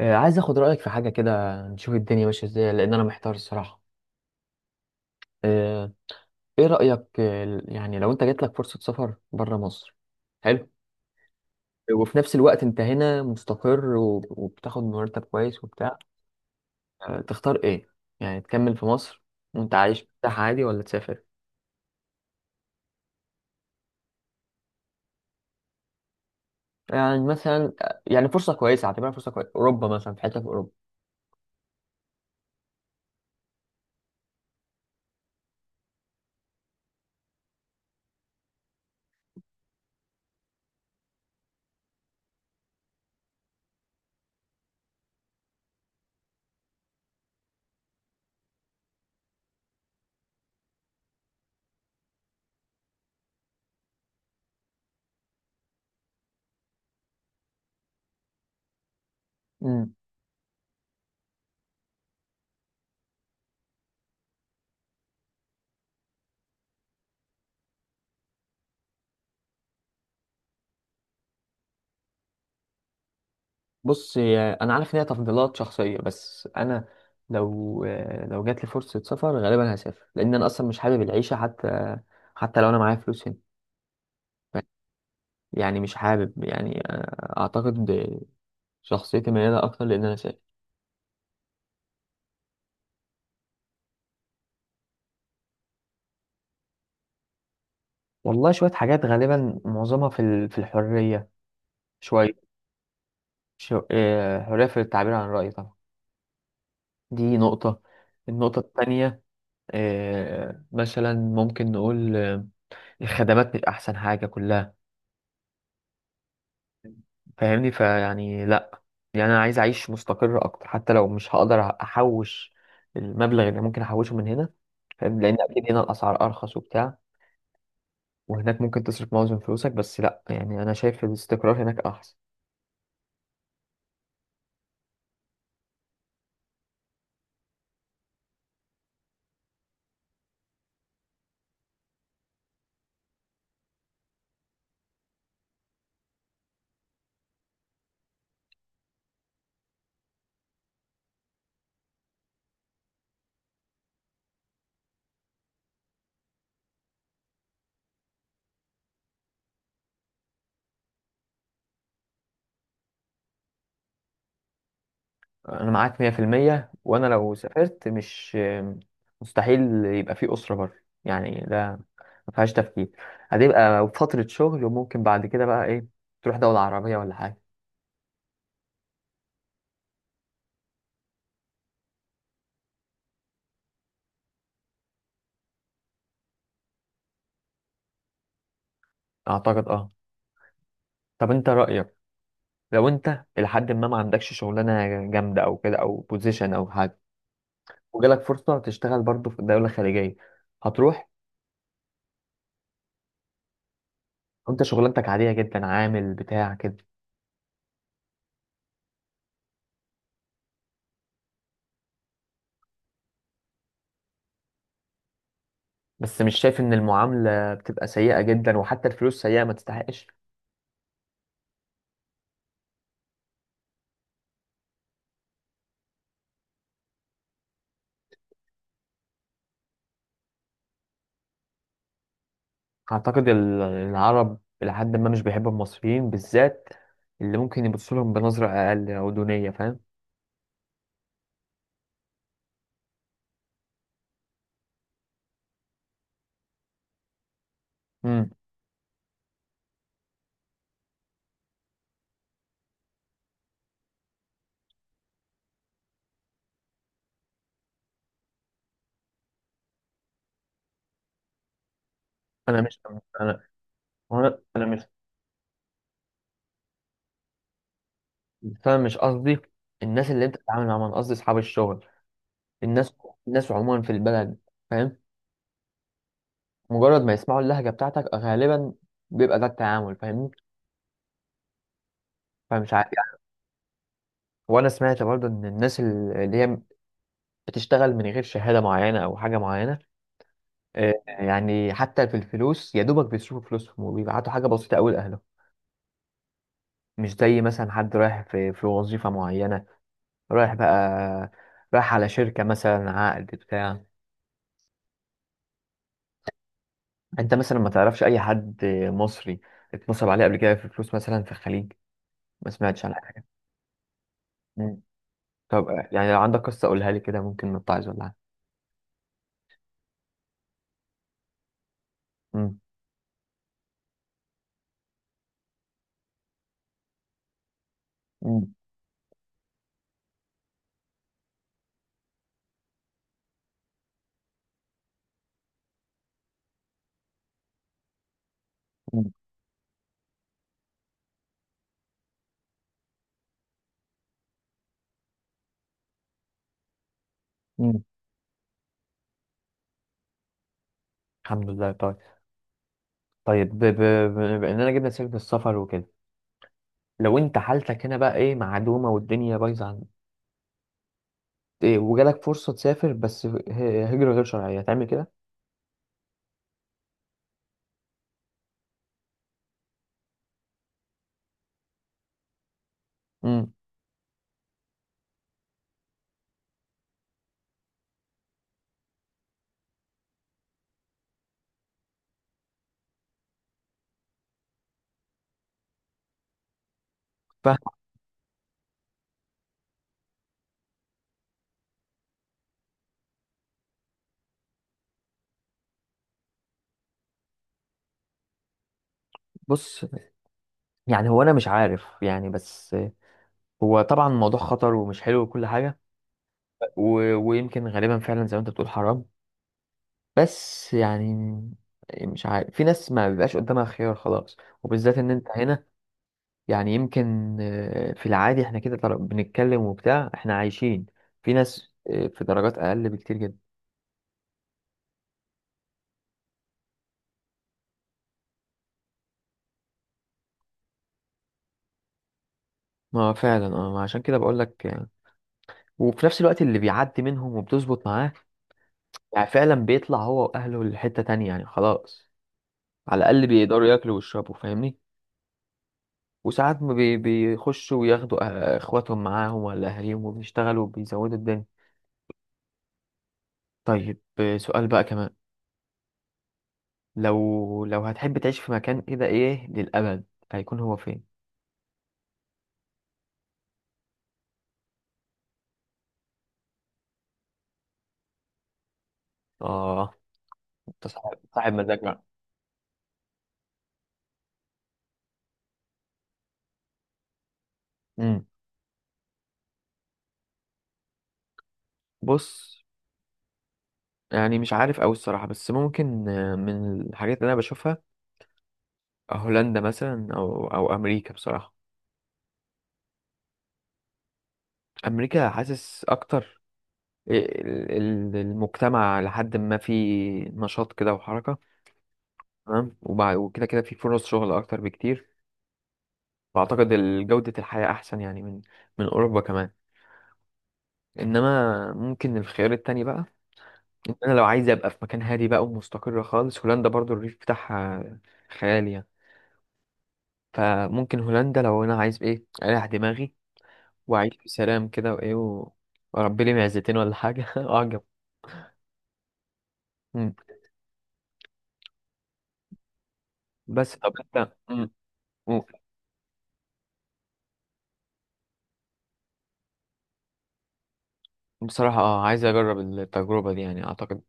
عايز اخد رأيك في حاجة كده، نشوف الدنيا ماشية ازاي لان انا محتار الصراحة. آه، ايه رأيك؟ يعني لو انت جات لك فرصة سفر بره مصر، حلو، وفي نفس الوقت انت هنا مستقر وبتاخد مرتب كويس وبتاع، تختار ايه؟ يعني تكمل في مصر وانت عايش مرتاح عادي، ولا تسافر؟ يعني مثلا يعني فرصة كويسة، اعتبرها فرصة كويسة، اوروبا مثلا، في حتة في اوروبا. بص، انا عارف ان هي تفضيلات شخصيه، بس انا لو لو جات لي فرصه سفر غالبا هسافر، لان انا اصلا مش حابب العيشه، حتى حتى لو انا معايا فلوس هنا. ف- يعني مش حابب، يعني اعتقد شخصيتي مياله اكتر لان انا سافر. والله شوية حاجات، غالبا معظمها في في الحرية، شوية شو... آه، حرية في التعبير عن الرأي طبعا، دي نقطة. النقطة التانية، مثلا ممكن نقول الخدمات مش أحسن حاجة كلها. فاهمني؟ فيعني لا، يعني انا عايز اعيش مستقر اكتر حتى لو مش هقدر احوش المبلغ اللي ممكن احوشه من هنا، فاهم؟ لان اكيد هنا الاسعار ارخص وبتاع، وهناك ممكن تصرف معظم فلوسك، بس لا، يعني انا شايف الاستقرار هناك احسن. انا معاك 100%، وانا لو سافرت مش، مستحيل يبقى في اسره بره، يعني ده ما فيهاش تفكير، هتبقى فتره شغل، وممكن بعد كده بقى ايه، تروح دوله عربيه ولا حاجه. اعتقد اه. طب انت رايك، لو انت لحد ما ما عندكش شغلانه جامده او كده او بوزيشن او حاجه، وجالك فرصه تشتغل برضه في دوله خليجيه، هتروح وانت شغلانتك عاديه جدا، عامل بتاع كده؟ بس مش شايف ان المعامله بتبقى سيئه جدا، وحتى الفلوس سيئه ما تستحقش؟ اعتقد العرب لحد ما مش بيحبوا المصريين بالذات، اللي ممكن يبصوا لهم بنظره اقل او دونيه، فاهم؟ امم. انا مش انا انا مش، بس انا مش قصدي الناس اللي انت بتتعامل معاهم، انا قصدي اصحاب الشغل، الناس، الناس عموما في البلد، فاهم؟ مجرد ما يسمعوا اللهجة بتاعتك غالبا بيبقى ده التعامل، فاهمني؟ فمش عارف يعني. وانا سمعت برضو ان الناس اللي هي بتشتغل من غير شهادة معينة او حاجة معينة، يعني حتى في الفلوس يا دوبك بيصرفوا فلوسهم وبيبعتوا حاجة بسيطة قوي لأهلهم، مش زي مثلا حد رايح في في وظيفة معينة، رايح بقى، رايح على شركة مثلا عقد بتاع. انت مثلا ما تعرفش اي حد مصري اتنصب عليه قبل كده في فلوس مثلا في الخليج؟ ما سمعتش عن حاجة؟ طب يعني لو عندك قصة قولها لي كده، ممكن نتعظ ولا حاجة. مم. مم. مم. مم. الحمد لله، طيب. طيب بأننا جبنا سيرة السفر وكده، لو أنت حالتك هنا بقى إيه، معدومة والدنيا بايظة عندك، إيه، وجالك فرصة تسافر بس هجرة غير شرعية، هتعمل كده؟ مم. ف بص، يعني هو أنا مش عارف يعني، بس هو طبعا الموضوع خطر ومش حلو وكل حاجة، ويمكن غالبا فعلا زي ما أنت بتقول حرام، بس يعني مش عارف، في ناس ما بيبقاش قدامها خيار خلاص، وبالذات ان انت هنا، يعني يمكن في العادي احنا كده بنتكلم وبتاع، احنا عايشين، في ناس في درجات اقل بكتير جدا. ما هو فعلا اه، ما عشان كده بقول لك وفي نفس الوقت اللي بيعدي منهم وبتظبط معاه، يعني فعلا بيطلع هو واهله لحتة تانية، يعني خلاص، على الاقل بيقدروا ياكلوا ويشربوا، فاهمني؟ وساعات ما بيخشوا وياخدوا اخواتهم معاهم ولا اهاليهم، وبيشتغلوا وبيزودوا الدنيا. طيب سؤال بقى كمان، لو لو هتحب تعيش في مكان كده ايه للابد، هيكون هو فين؟ اه، انت صاحب مزاج بقى. امم، بص، يعني مش عارف أوي الصراحة، بس ممكن من الحاجات اللي أنا بشوفها، هولندا مثلا أو أو أمريكا بصراحة. أمريكا حاسس أكتر المجتمع لحد ما في نشاط كده وحركة، تمام، وكده كده في فرص شغل أكتر بكتير، وأعتقد جودة الحياة أحسن يعني من من أوروبا كمان. إنما ممكن الخيار التاني بقى، إن أنا لو عايز أبقى في مكان هادي بقى ومستقر خالص، هولندا برضو الريف بتاعها خيالي يعني، فممكن هولندا لو انا عايز ايه، اريح دماغي واعيش بسلام كده وايه، واربي لي معزتين ولا حاجه اعجب. مم. بس طب انت مم. مم. بصراحه اه، عايز اجرب التجربه دي، يعني اعتقد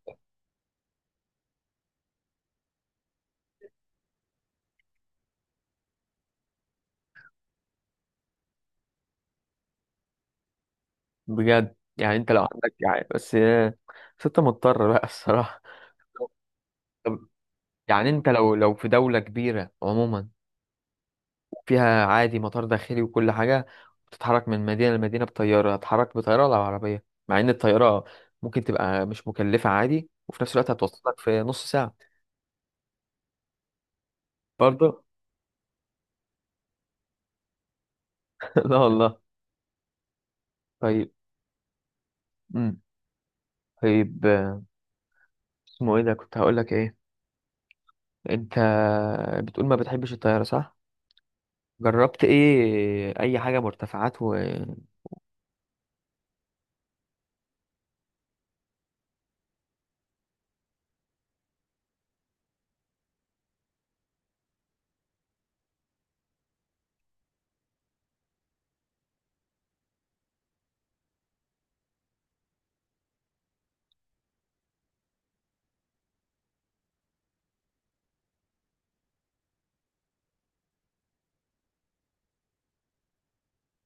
بجد، يعني انت لو عندك، يعني بس بس انت مضطر بقى الصراحه. طب يعني انت لو لو في دوله كبيره عموما، فيها عادي مطار داخلي وكل حاجة، بتتحرك من مدينة لمدينة بطيارة، هتحرك بطيارة ولا بعربية، مع إن الطيارة ممكن تبقى مش مكلفة عادي، وفي نفس الوقت هتوصلك في نص ساعة؟ برضه لا والله. طيب، امم، طيب اسمه ايه ده، كنت هقولك ايه، انت بتقول ما بتحبش الطيارة صح؟ جربت ايه، اي حاجة مرتفعات؟